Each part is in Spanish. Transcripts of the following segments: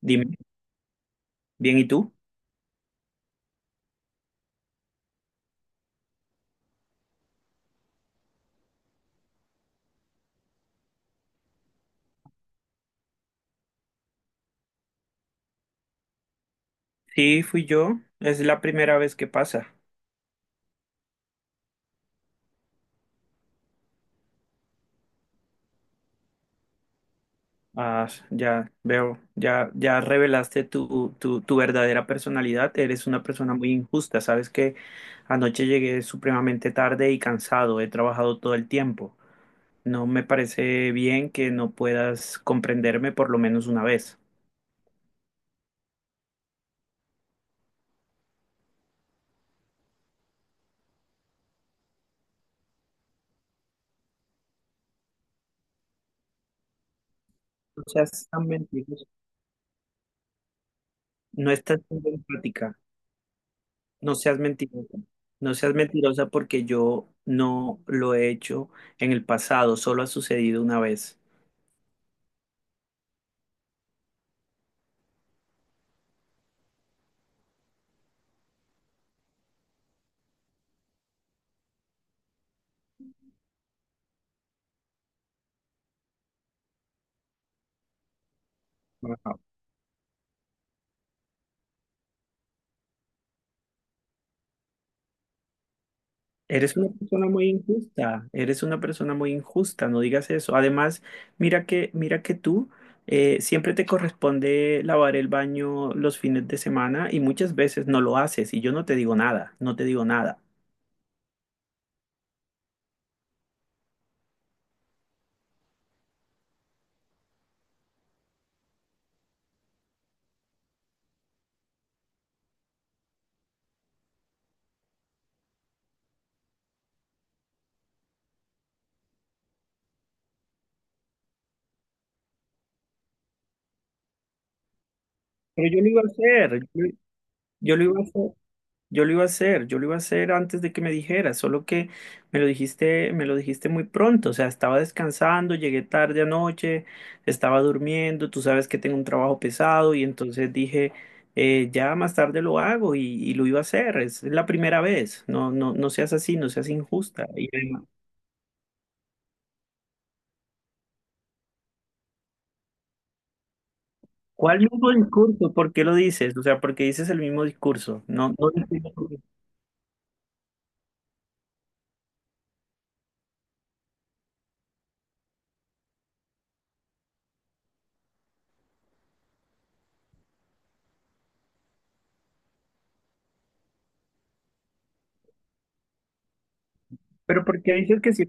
Dime, bien, ¿y tú? Sí, fui yo. Es la primera vez que pasa. Ah, ya veo, ya, ya revelaste tu verdadera personalidad. Eres una persona muy injusta. Sabes que anoche llegué supremamente tarde y cansado. He trabajado todo el tiempo. No me parece bien que no puedas comprenderme por lo menos una vez. No seas tan mentiroso. No estás siendo empática. No seas mentirosa, no seas mentirosa porque yo no lo he hecho en el pasado, solo ha sucedido una vez. Ajá. Eres una persona muy injusta, eres una persona muy injusta, no digas eso. Además, mira que tú siempre te corresponde lavar el baño los fines de semana y muchas veces no lo haces y yo no te digo nada, no te digo nada. Pero yo lo iba a hacer, yo lo iba a hacer. Yo lo iba a hacer, yo lo iba a hacer antes de que me dijeras, solo que me lo dijiste muy pronto, o sea, estaba descansando, llegué tarde anoche, estaba durmiendo, tú sabes que tengo un trabajo pesado y entonces dije, ya más tarde lo hago y lo iba a hacer, es la primera vez, no, no, no seas así, no seas injusta. Y además, ¿cuál mismo discurso? ¿Por qué lo dices? O sea, ¿por qué dices el mismo discurso? No, no, entiendo por qué. Pero ¿por qué dices que sí?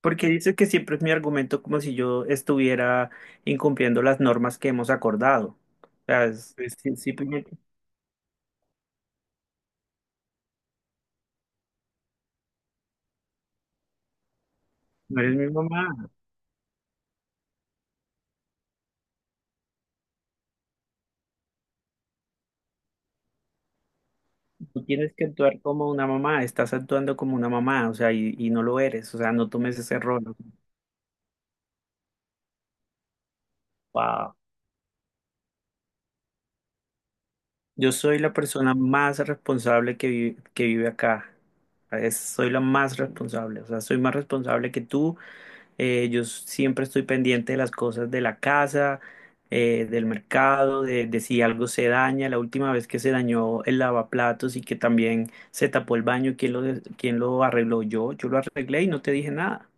Porque dice que siempre es mi argumento como si yo estuviera incumpliendo las normas que hemos acordado. O sea, es si- simplemente no eres mi mamá. Tú tienes que actuar como una mamá. Estás actuando como una mamá, o sea, y no lo eres. O sea, no tomes ese rol. Wow. Yo soy la persona más responsable que vive acá. Soy la más responsable. O sea, soy más responsable que tú. Siempre estoy pendiente de las cosas de la casa, del mercado, de si algo se daña. La última vez que se dañó el lavaplatos y que también se tapó el baño, ¿quién lo arregló? Yo lo arreglé y no te dije nada.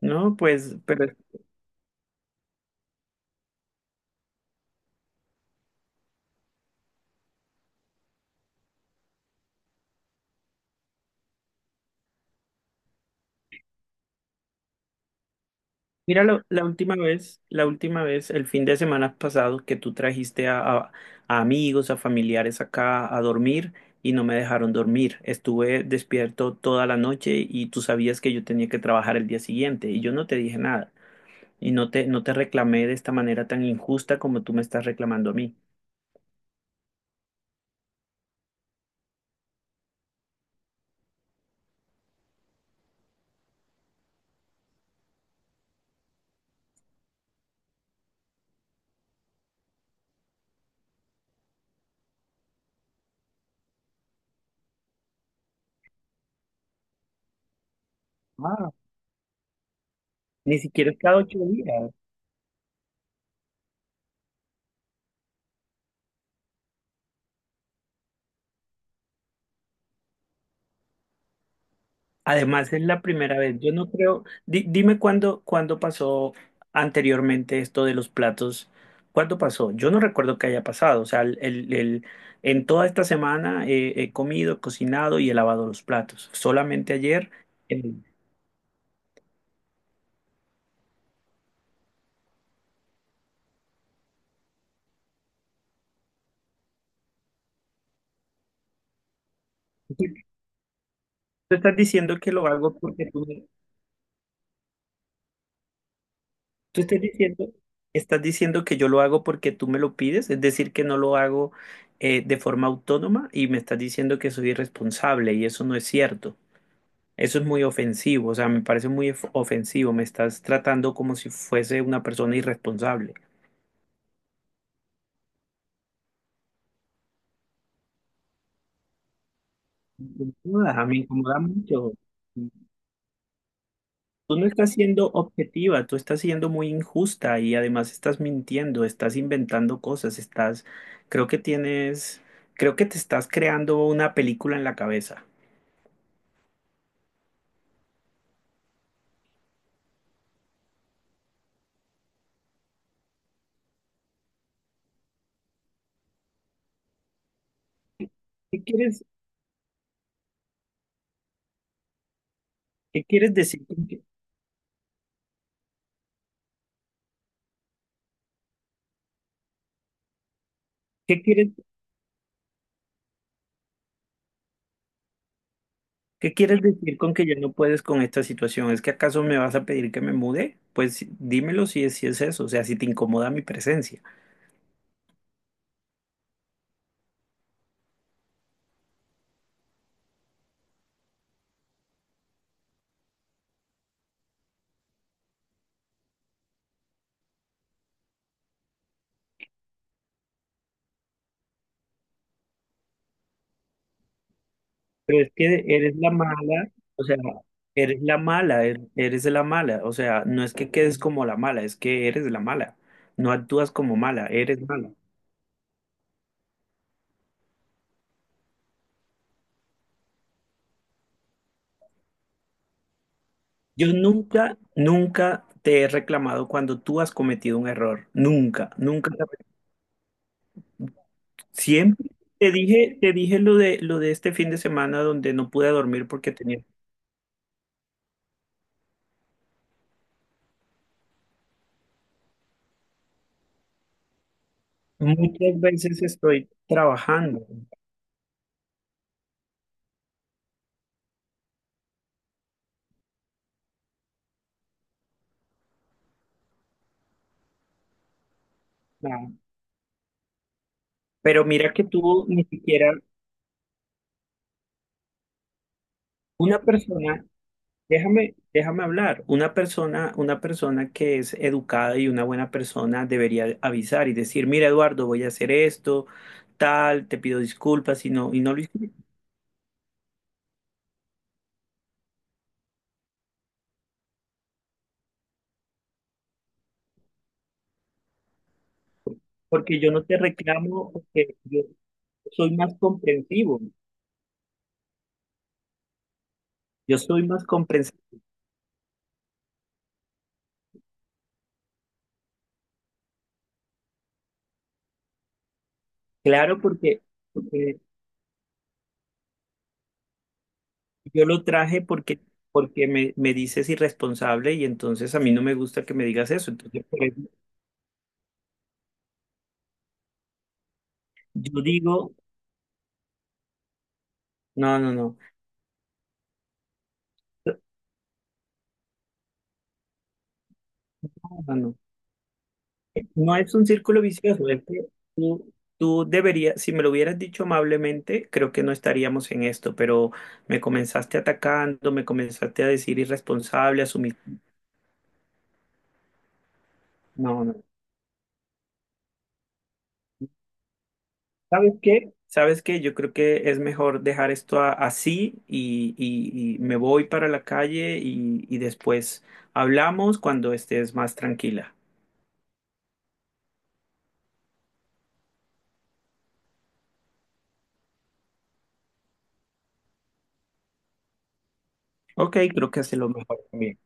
No, pues, pero mira, la última vez, el fin de semana pasado, que tú trajiste a amigos, a familiares acá a dormir y no me dejaron dormir. Estuve despierto toda la noche y tú sabías que yo tenía que trabajar el día siguiente y yo no te dije nada y no te reclamé de esta manera tan injusta como tú me estás reclamando a mí. Ah. Ni siquiera es cada 8 días. Además, es la primera vez. Yo no creo. Dime cuándo, cuándo pasó anteriormente esto de los platos. ¿Cuándo pasó? Yo no recuerdo que haya pasado. O sea, en toda esta semana he comido, cocinado y he lavado los platos. Solamente ayer. eh, tú tú estás diciendo que lo hago porque tú estás diciendo que yo lo hago porque tú me lo pides. Es decir, que no lo hago, de forma autónoma y me estás diciendo que soy irresponsable y eso no es cierto. Eso es muy ofensivo, o sea, me parece muy ofensivo, me estás tratando como si fuese una persona irresponsable. No jodas, me incomoda mucho. Tú no estás siendo objetiva, tú estás siendo muy injusta y además estás mintiendo, estás inventando cosas. Creo que creo que te estás creando una película en la cabeza. ¿Qué quieres, ¿qué quieres decir? ¿Qué quieres ¿Qué quieres decir con que ya no puedes con esta situación? ¿Es que acaso me vas a pedir que me mude? Pues sí, dímelo si es, si es eso, o sea, si te incomoda mi presencia. Pero es que eres la mala, o sea, eres la mala, eres la mala, o sea, no es que quedes como la mala, es que eres la mala. No actúas como mala, eres mala. Yo nunca, nunca te he reclamado cuando tú has cometido un error. Nunca, reclamado. Siempre te dije lo de este fin de semana donde no pude dormir porque tenía... Muchas veces estoy trabajando, ¿no? Pero mira que tú ni siquiera una persona, déjame, déjame hablar, una persona que es educada y una buena persona debería avisar y decir, mira, Eduardo, voy a hacer esto, tal, te pido disculpas y no lo hice, porque yo no te reclamo, porque yo soy más comprensivo, yo soy más comprensivo, claro, porque, porque yo lo traje porque, porque me dices irresponsable y entonces a mí no me gusta que me digas eso. Entonces, por eso yo digo, no, no, no, no, no. No, no es un círculo vicioso, es que tú, tú deberías, si me lo hubieras dicho amablemente, creo que no estaríamos en esto, pero me comenzaste atacando, me comenzaste a decir irresponsable, asumir. No, no. ¿Sabes qué? ¿Sabes qué? Yo creo que es mejor dejar así y, y me voy para la calle y después hablamos cuando estés más tranquila. Ok, creo que hace lo mejor. También.